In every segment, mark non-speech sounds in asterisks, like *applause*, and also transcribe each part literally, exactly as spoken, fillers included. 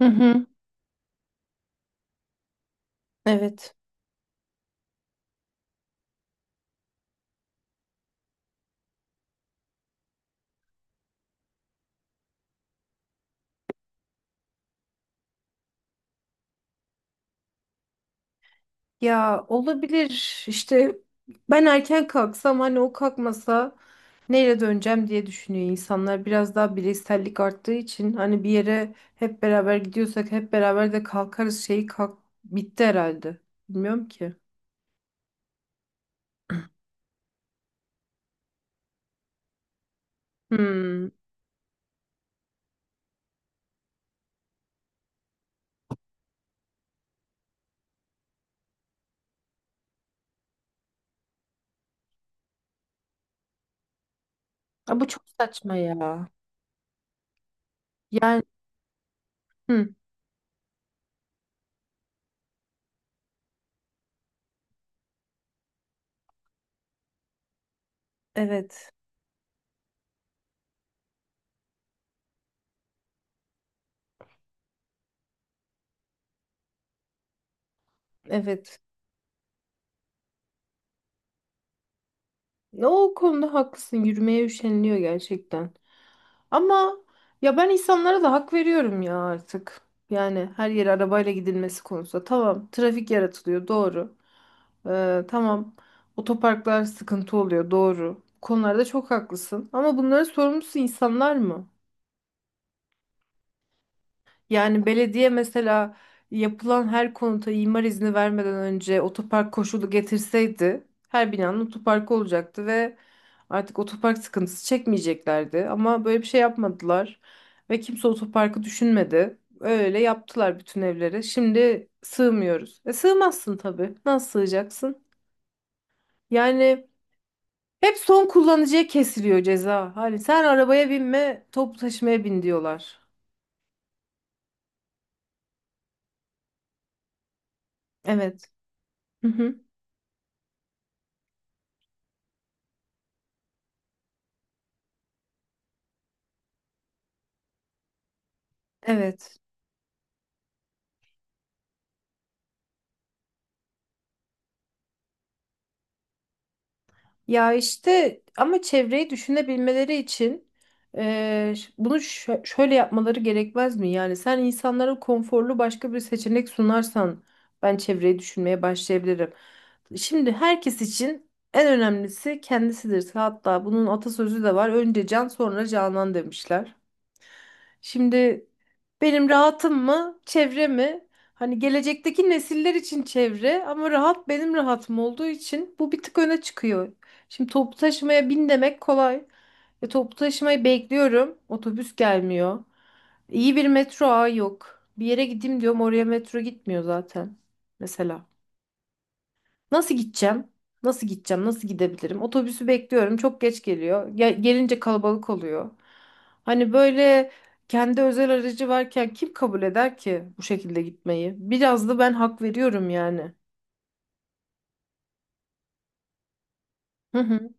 Hı hı. Evet. Ya olabilir işte ben erken kalksam hani o kalkmasa neyle döneceğim diye düşünüyor insanlar. Biraz daha bireysellik arttığı için hani bir yere hep beraber gidiyorsak hep beraber de kalkarız şeyi kalk bitti herhalde. Bilmiyorum ki. Hmm. Aa, bu çok saçma ya. Yani hı. Evet. Evet. Ne O konuda haklısın. Yürümeye üşeniliyor gerçekten. Ama ya ben insanlara da hak veriyorum ya artık. Yani her yere arabayla gidilmesi konusunda. Tamam, trafik yaratılıyor, doğru. Ee, tamam, otoparklar sıkıntı oluyor, doğru. Bu konularda çok haklısın. Ama bunların sorumlusu insanlar mı? Yani belediye mesela yapılan her konuta imar izni vermeden önce otopark koşulu getirseydi her binanın otoparkı olacaktı ve artık otopark sıkıntısı çekmeyeceklerdi. Ama böyle bir şey yapmadılar ve kimse otoparkı düşünmedi. Öyle yaptılar bütün evlere. Şimdi sığmıyoruz. E sığmazsın tabii. Nasıl sığacaksın? Yani hep son kullanıcıya kesiliyor ceza. Hani sen arabaya binme, toplu taşımaya bin diyorlar. Evet. Hı hı. Evet. Ya işte ama çevreyi düşünebilmeleri için eee, ş- bunu şö- şöyle yapmaları gerekmez mi? Yani sen insanlara konforlu başka bir seçenek sunarsan ben çevreyi düşünmeye başlayabilirim. Şimdi herkes için en önemlisi kendisidir. Hatta bunun atasözü de var. Önce can sonra canan demişler. Şimdi benim rahatım mı, çevre mi? Hani gelecekteki nesiller için çevre ama rahat benim rahatım olduğu için bu bir tık öne çıkıyor. Şimdi toplu taşımaya bin demek kolay. E, toplu taşımayı bekliyorum. Otobüs gelmiyor. İyi bir metro ağı yok. Bir yere gideyim diyorum oraya metro gitmiyor zaten. Mesela. Nasıl gideceğim? Nasıl gideceğim? Nasıl gidebilirim? Otobüsü bekliyorum. Çok geç geliyor. Gel- gelince kalabalık oluyor. Hani böyle kendi özel aracı varken kim kabul eder ki bu şekilde gitmeyi? Biraz da ben hak veriyorum yani. Hı hı.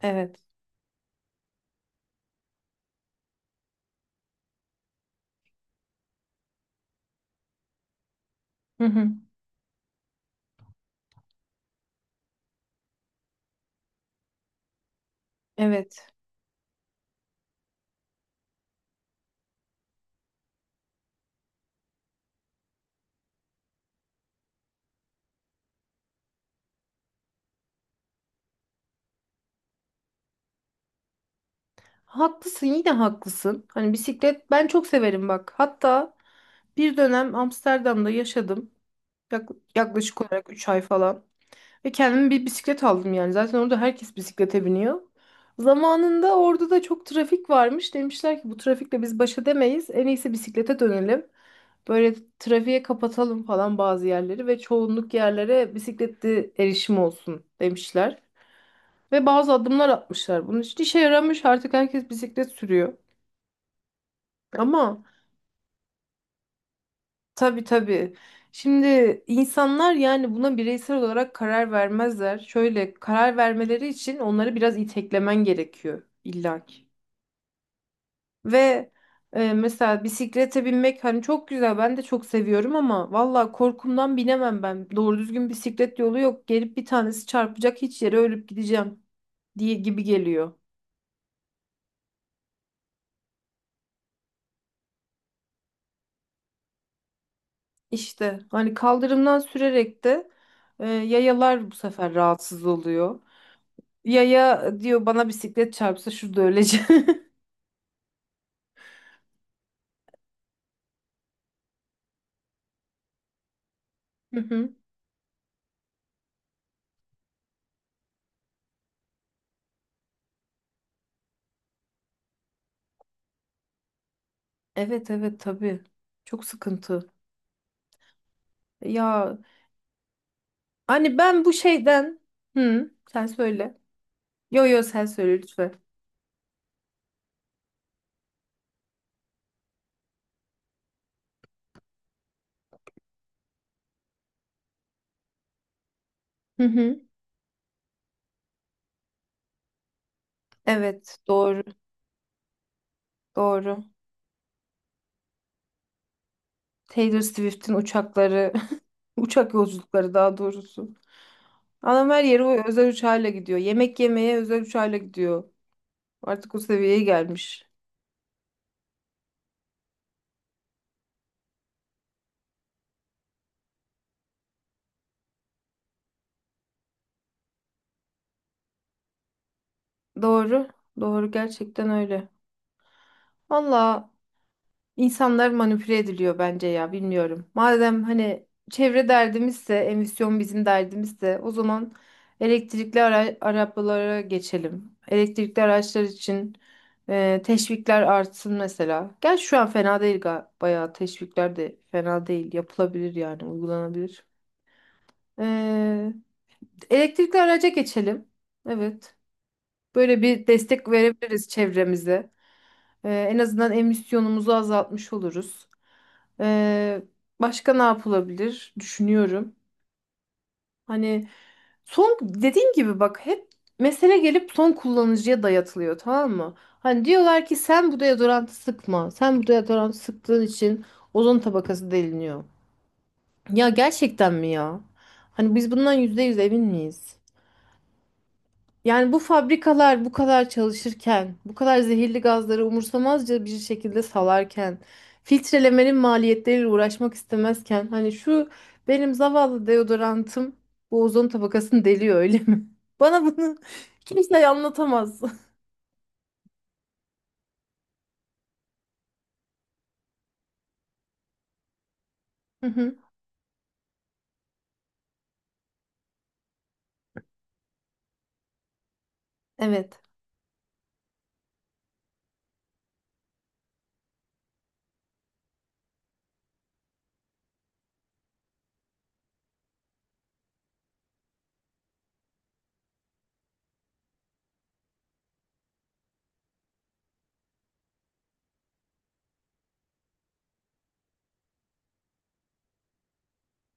Evet. Hı hı. Evet. Haklısın, yine haklısın. Hani bisiklet ben çok severim bak. Hatta bir dönem Amsterdam'da yaşadım. Yak- Yaklaşık olarak üç ay falan. Ve kendime bir bisiklet aldım yani. Zaten orada herkes bisiklete biniyor. Zamanında orada da çok trafik varmış. Demişler ki bu trafikle biz baş edemeyiz. En iyisi bisiklete dönelim. Böyle trafiğe kapatalım falan bazı yerleri ve çoğunluk yerlere bisikletli erişim olsun demişler. Ve bazı adımlar atmışlar. Bunun için işe yaramış. Artık herkes bisiklet sürüyor. Ama tabii tabii. Şimdi insanlar yani buna bireysel olarak karar vermezler. Şöyle karar vermeleri için onları biraz iteklemen gerekiyor illaki. Ve e, mesela bisiklete binmek hani çok güzel ben de çok seviyorum ama valla korkumdan binemem ben. Doğru düzgün bisiklet yolu yok. Gelip bir tanesi çarpacak hiç yere ölüp gideceğim diye gibi geliyor. İşte hani kaldırımdan sürerek de e, yayalar bu sefer rahatsız oluyor. Ya ya diyor bana bisiklet çarpsa şurada öleceğim. *laughs* Hı hı. Evet evet tabii. Çok sıkıntı. Ya hani ben bu şeyden hı sen söyle. Yo yo sen söyle lütfen. Hı hı. Evet doğru doğru. Taylor Swift'in uçakları *laughs* uçak yolculukları daha doğrusu. Adam her yere o özel uçağıyla gidiyor. Yemek yemeye özel uçağıyla gidiyor. Artık o seviyeye gelmiş. Doğru. Doğru gerçekten öyle. Valla İnsanlar manipüle ediliyor bence ya bilmiyorum. Madem hani çevre derdimizse, emisyon bizim derdimizse o zaman elektrikli ara arabalara geçelim. Elektrikli araçlar için e, teşvikler artsın mesela. Gel şu an fena değil ga- bayağı teşvikler de fena değil. Yapılabilir yani uygulanabilir. E, elektrikli araca geçelim. Evet. Böyle bir destek verebiliriz çevremize. E, en azından emisyonumuzu azaltmış oluruz. Ee, başka ne yapılabilir düşünüyorum. Hani son dediğim gibi bak hep mesele gelip son kullanıcıya dayatılıyor tamam mı? Hani diyorlar ki sen bu deodorantı sıkma. Sen bu deodorantı sıktığın için ozon tabakası deliniyor. Ya gerçekten mi ya? Hani biz bundan yüzde yüz emin miyiz? Yani bu fabrikalar bu kadar çalışırken, bu kadar zehirli gazları umursamazca bir şekilde salarken, filtrelemenin maliyetleriyle uğraşmak istemezken, hani şu benim zavallı deodorantım bu ozon tabakasını deliyor öyle mi? *laughs* Bana bunu kimse anlatamaz. *laughs* Hı hı, evet.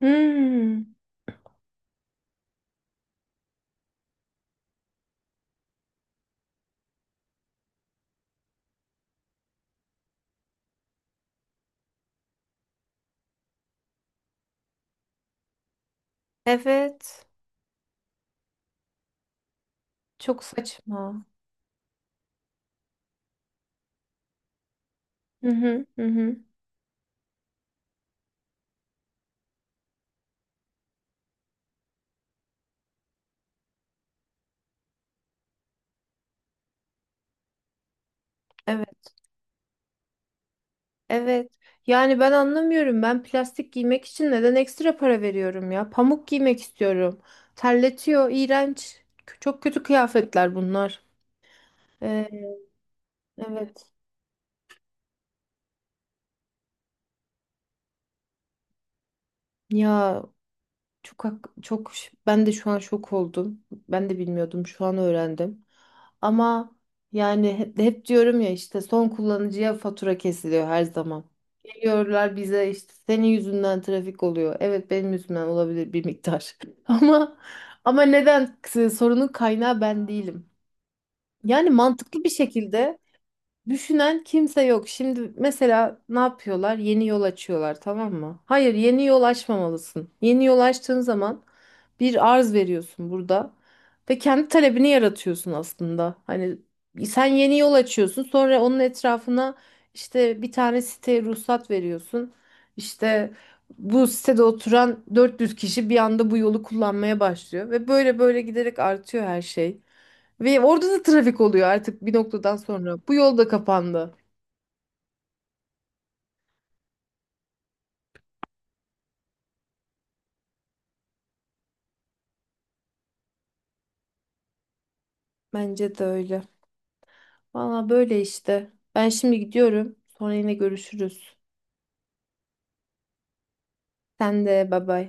Hmm, evet. Çok saçma. Hı hı, hı hı. Evet. Evet. Yani ben anlamıyorum. Ben plastik giymek için neden ekstra para veriyorum ya? Pamuk giymek istiyorum. Terletiyor, iğrenç. Çok kötü kıyafetler bunlar. Ee, evet. Ya Çok hak- çok ş- ben de şu an şok oldum. Ben de bilmiyordum. Şu an öğrendim. Ama yani hep, hep diyorum ya işte son kullanıcıya fatura kesiliyor her zaman. Geliyorlar bize işte senin yüzünden trafik oluyor. Evet benim yüzümden olabilir bir miktar. *laughs* Ama ama neden sorunun kaynağı ben değilim. Yani mantıklı bir şekilde düşünen kimse yok. Şimdi mesela ne yapıyorlar? Yeni yol açıyorlar, tamam mı? Hayır, yeni yol açmamalısın. Yeni yol açtığın zaman bir arz veriyorsun burada ve kendi talebini yaratıyorsun aslında. Hani sen yeni yol açıyorsun, sonra onun etrafına işte bir tane siteye ruhsat veriyorsun. İşte bu sitede oturan dört yüz kişi bir anda bu yolu kullanmaya başlıyor ve böyle böyle giderek artıyor her şey. Ve orada da trafik oluyor artık bir noktadan sonra. Bu yol da kapandı. Bence de öyle. Valla böyle işte. Ben şimdi gidiyorum. Sonra yine görüşürüz. Sen de bay bay.